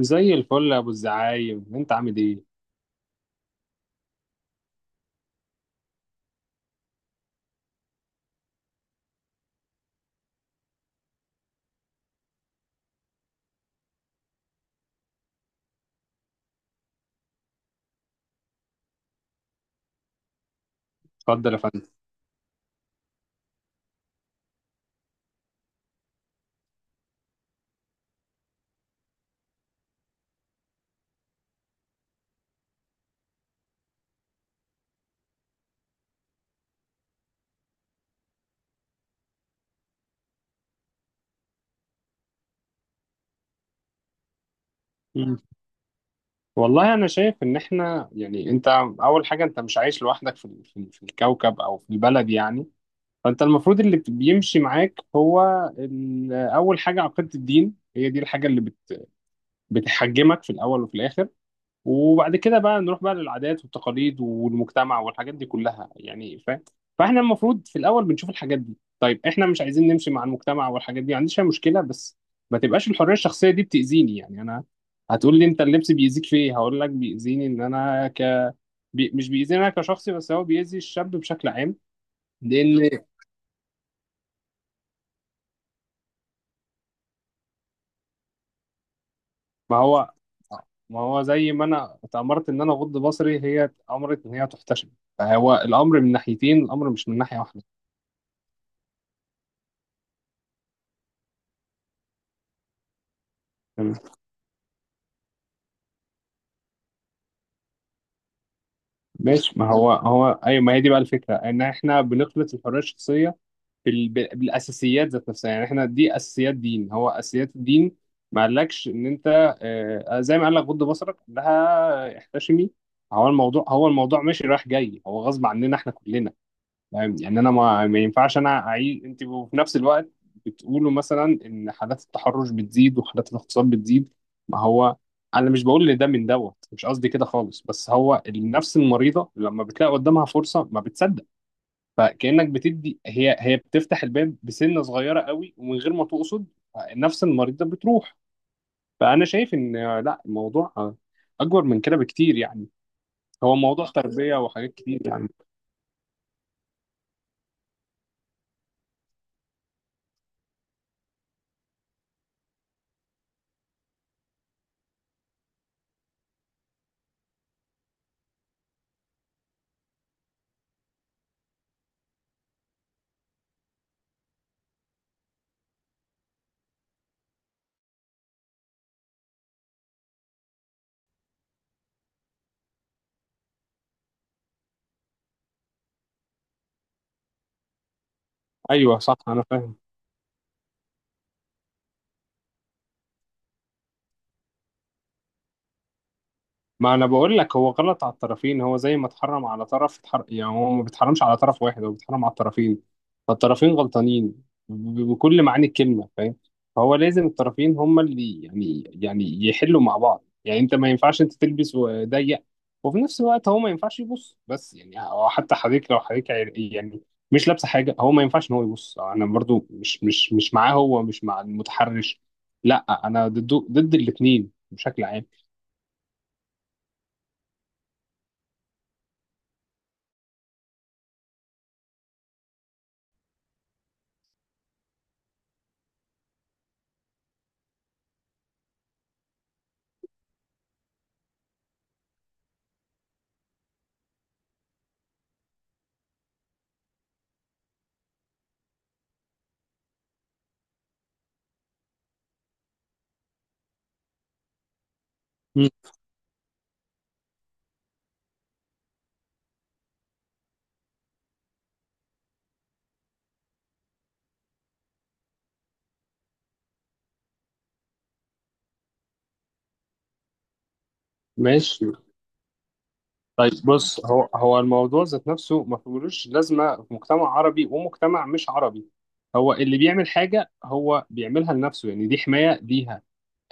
زي الفل يا ابو الزعايم، انت عامل ايه؟ اتفضل يا فندم. مم. والله انا شايف ان احنا، يعني انت، اول حاجه انت مش عايش لوحدك في الكوكب او في البلد يعني. فانت المفروض اللي بيمشي معاك هو اول حاجه عقيده الدين، هي دي الحاجه اللي بتحجمك في الاول وفي الاخر. وبعد كده بقى نروح بقى للعادات والتقاليد والمجتمع والحاجات دي كلها، يعني فاهم. فاحنا المفروض في الاول بنشوف الحاجات دي. طيب احنا مش عايزين نمشي مع المجتمع والحاجات دي، ما عنديش أي مشكله، بس ما تبقاش الحريه الشخصيه دي بتاذيني، يعني انا. هتقول لي انت اللبس بيأذيك في ايه؟ هقول لك بيأذيني ان انا مش بيأذيني انا كشخصي، بس هو بيأذي الشاب بشكل عام. لان ما هو ما هو زي ما انا اتأمرت ان انا اغض بصري، هي اتأمرت ان هي تحتشم. فهو الامر من ناحيتين، الامر مش من ناحيه واحده. ماشي. ما هو ايوه، ما هي دي بقى الفكره، ان احنا بنخلط الحريه الشخصيه بالاساسيات ذات نفسها. يعني احنا دي اساسيات دين، هو اساسيات الدين. ما قالكش ان انت، زي ما قال لك غض بصرك، لها احتشمي. هو الموضوع ماشي رايح جاي، هو غصب عننا احنا كلنا. يعني انا ما ينفعش انا اعيش انت، وفي نفس الوقت بتقولوا مثلا ان حالات التحرش بتزيد وحالات الاغتصاب بتزيد. ما هو انا مش بقول ان ده من دوت، مش قصدي كده خالص، بس هو النفس المريضه لما بتلاقي قدامها فرصه ما بتصدق. فكانك بتدي، هي بتفتح الباب بسنه صغيره قوي ومن غير ما تقصد، النفس المريضه بتروح. فانا شايف ان لا، الموضوع اكبر من كده بكتير يعني. هو موضوع تربيه وحاجات كتير يعني. ايوه صح، انا فاهم. ما انا بقول لك هو غلط على الطرفين. هو زي ما اتحرم على طرف يعني، هو ما بيتحرمش على طرف واحد، هو بيتحرم على الطرفين. فالطرفين غلطانين بكل معاني الكلمة، فاهم. فهو لازم الطرفين هما اللي، يعني يحلوا مع بعض. يعني انت ما ينفعش انت تلبس وضيق، وفي نفس الوقت هو ما ينفعش يبص. بس يعني هو، حتى حضرتك لو حضرتك يعني مش لابسه حاجه، هو ما ينفعش ان هو يبص. انا برضو مش معاه، هو مش مع المتحرش. لا انا ضده، ضد الاثنين بشكل عام. مم. ماشي. طيب بص، هو الموضوع ذات نفسه ما فيهوش لازمه في مجتمع عربي ومجتمع مش عربي. هو اللي بيعمل حاجه هو بيعملها لنفسه، يعني دي حمايه ليها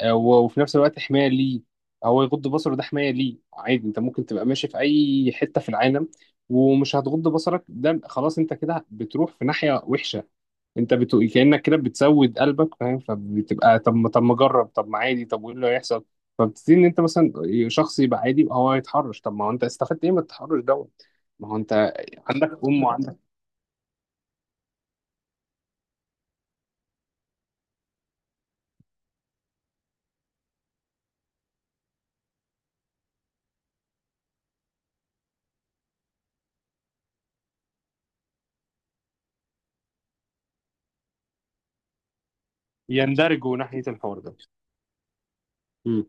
وفي نفس الوقت حمايه ليه. هو يغض بصره ده حمايه ليه. عادي انت ممكن تبقى ماشي في اي حته في العالم، ومش هتغض بصرك، ده خلاص انت كده بتروح في ناحيه وحشه. انت بتقول، كأنك كده بتسود قلبك، فاهم؟ فبتبقى، طب ما، طب ما اجرب، طب ما عادي، طب وايه اللي هيحصل؟ فبتبتدي ان انت مثلا شخص يبقى عادي، يبقى هو يتحرش. طب ما هو انت استفدت ايه من التحرش دوت؟ ما هو انت عندك ام وعندك. يندرجوا ناحية الحوار ده. امم.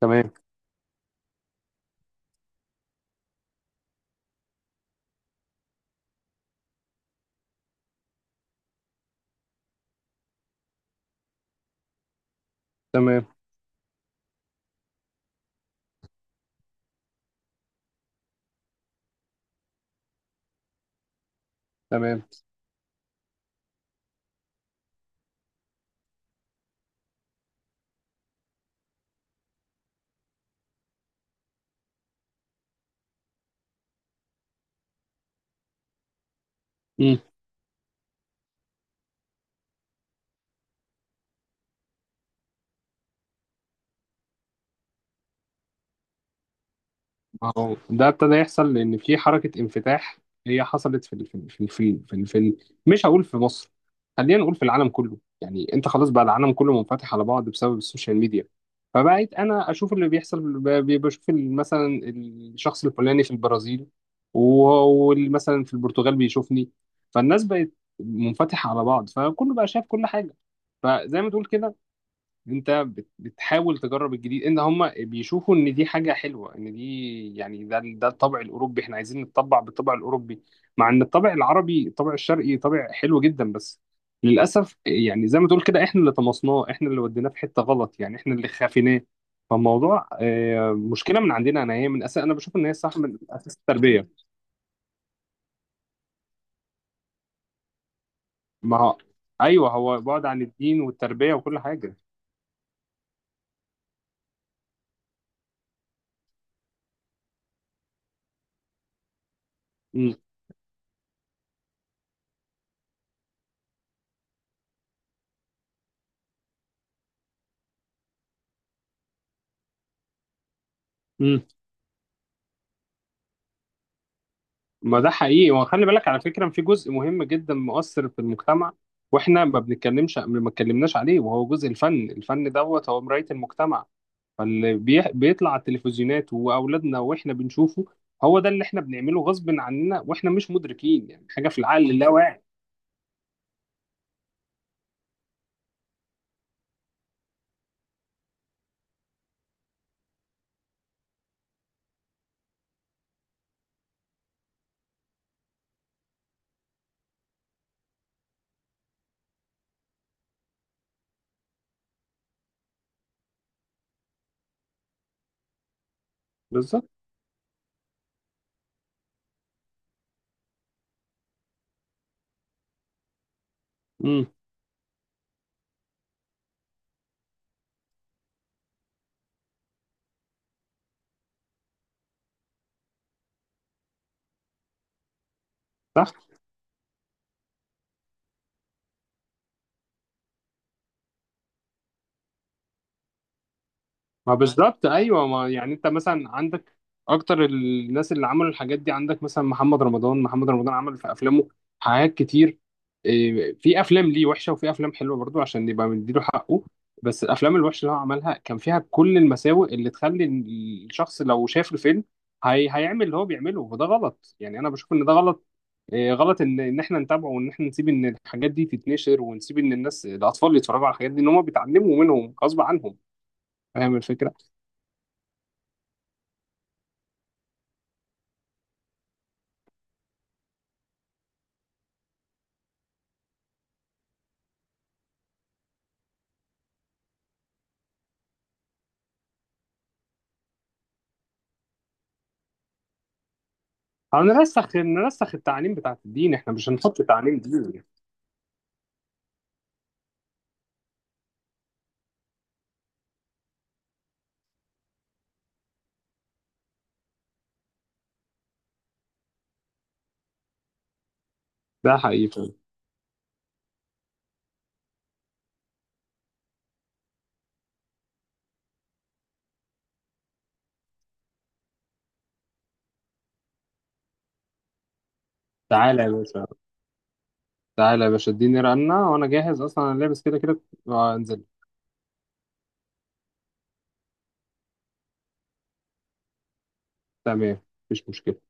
تمام. تمام. تمام. مم. ما هو ده ابتدى يحصل لان في حركه انفتاح. هي حصلت في ال- في ال- في ال- في ال- في ال- في ال- مش هقول في مصر، خلينا نقول في العالم كله. يعني انت خلاص بقى، العالم كله منفتح على بعض بسبب السوشيال ميديا. فبقيت انا اشوف اللي بيحصل، بشوف مثلا الشخص الفلاني في البرازيل، ومثلا في البرتغال بيشوفني. فالناس بقت منفتحه على بعض، فكله بقى شايف كل حاجه. فزي ما تقول كده، انت بتحاول تجرب الجديد. ان هم بيشوفوا ان دي حاجه حلوه، ان دي يعني ده الطبع الاوروبي، احنا عايزين نتطبع بالطبع الاوروبي. مع ان الطبع العربي، الطبع الشرقي، طبع حلو جدا. بس للاسف، يعني زي ما تقول كده، احنا اللي طمسناه، احنا اللي وديناه في حته غلط، يعني احنا اللي خافيناه. فالموضوع مشكله من عندنا انا، هي من اساس، انا بشوف ان هي صح من اساس التربيه. ما هو ايوه، هو بعد عن الدين والتربيه وكل حاجه. امم. ما ده حقيقي. وخلي بالك على فكرة، في جزء مهم جدا مؤثر في المجتمع، واحنا ما بنتكلمش، ما اتكلمناش عليه، وهو جزء الفن. الفن دوت هو مراية المجتمع. فاللي بيطلع على التلفزيونات واولادنا واحنا بنشوفه، هو ده اللي احنا بنعمله غصب عننا واحنا مش مدركين، يعني حاجة في العقل اللاواعي. بالظبط. امم. ما بالظبط، ايوه. ما يعني انت مثلا عندك اكتر الناس اللي عملوا الحاجات دي، عندك مثلا محمد رمضان. عمل في افلامه حاجات كتير. إيه، في افلام ليه وحشه، وفي افلام حلوه برضو عشان نبقى مديله حقه. بس الافلام الوحشه اللي هو عملها كان فيها كل المساوئ اللي تخلي الشخص لو شاف الفيلم، هي هيعمل اللي هو بيعمله. وده غلط، يعني انا بشوف ان ده غلط. إيه، غلط ان احنا نتابعه، وان احنا نسيب ان الحاجات دي تتنشر، ونسيب ان الناس الاطفال يتفرجوا على الحاجات دي، ان هم بيتعلموا منهم غصب عنهم. فاهم الفكره. نرسخ التعاليم بتاعت الدين. احنا مش هنحط تعاليم ديني. ده حقيقي فعلا. تعالى يا باشا. تعالى يا باشا، اديني رنة وانا جاهز اصلا، انا لابس كده كده. آه، انزل. تمام، مفيش مشكلة.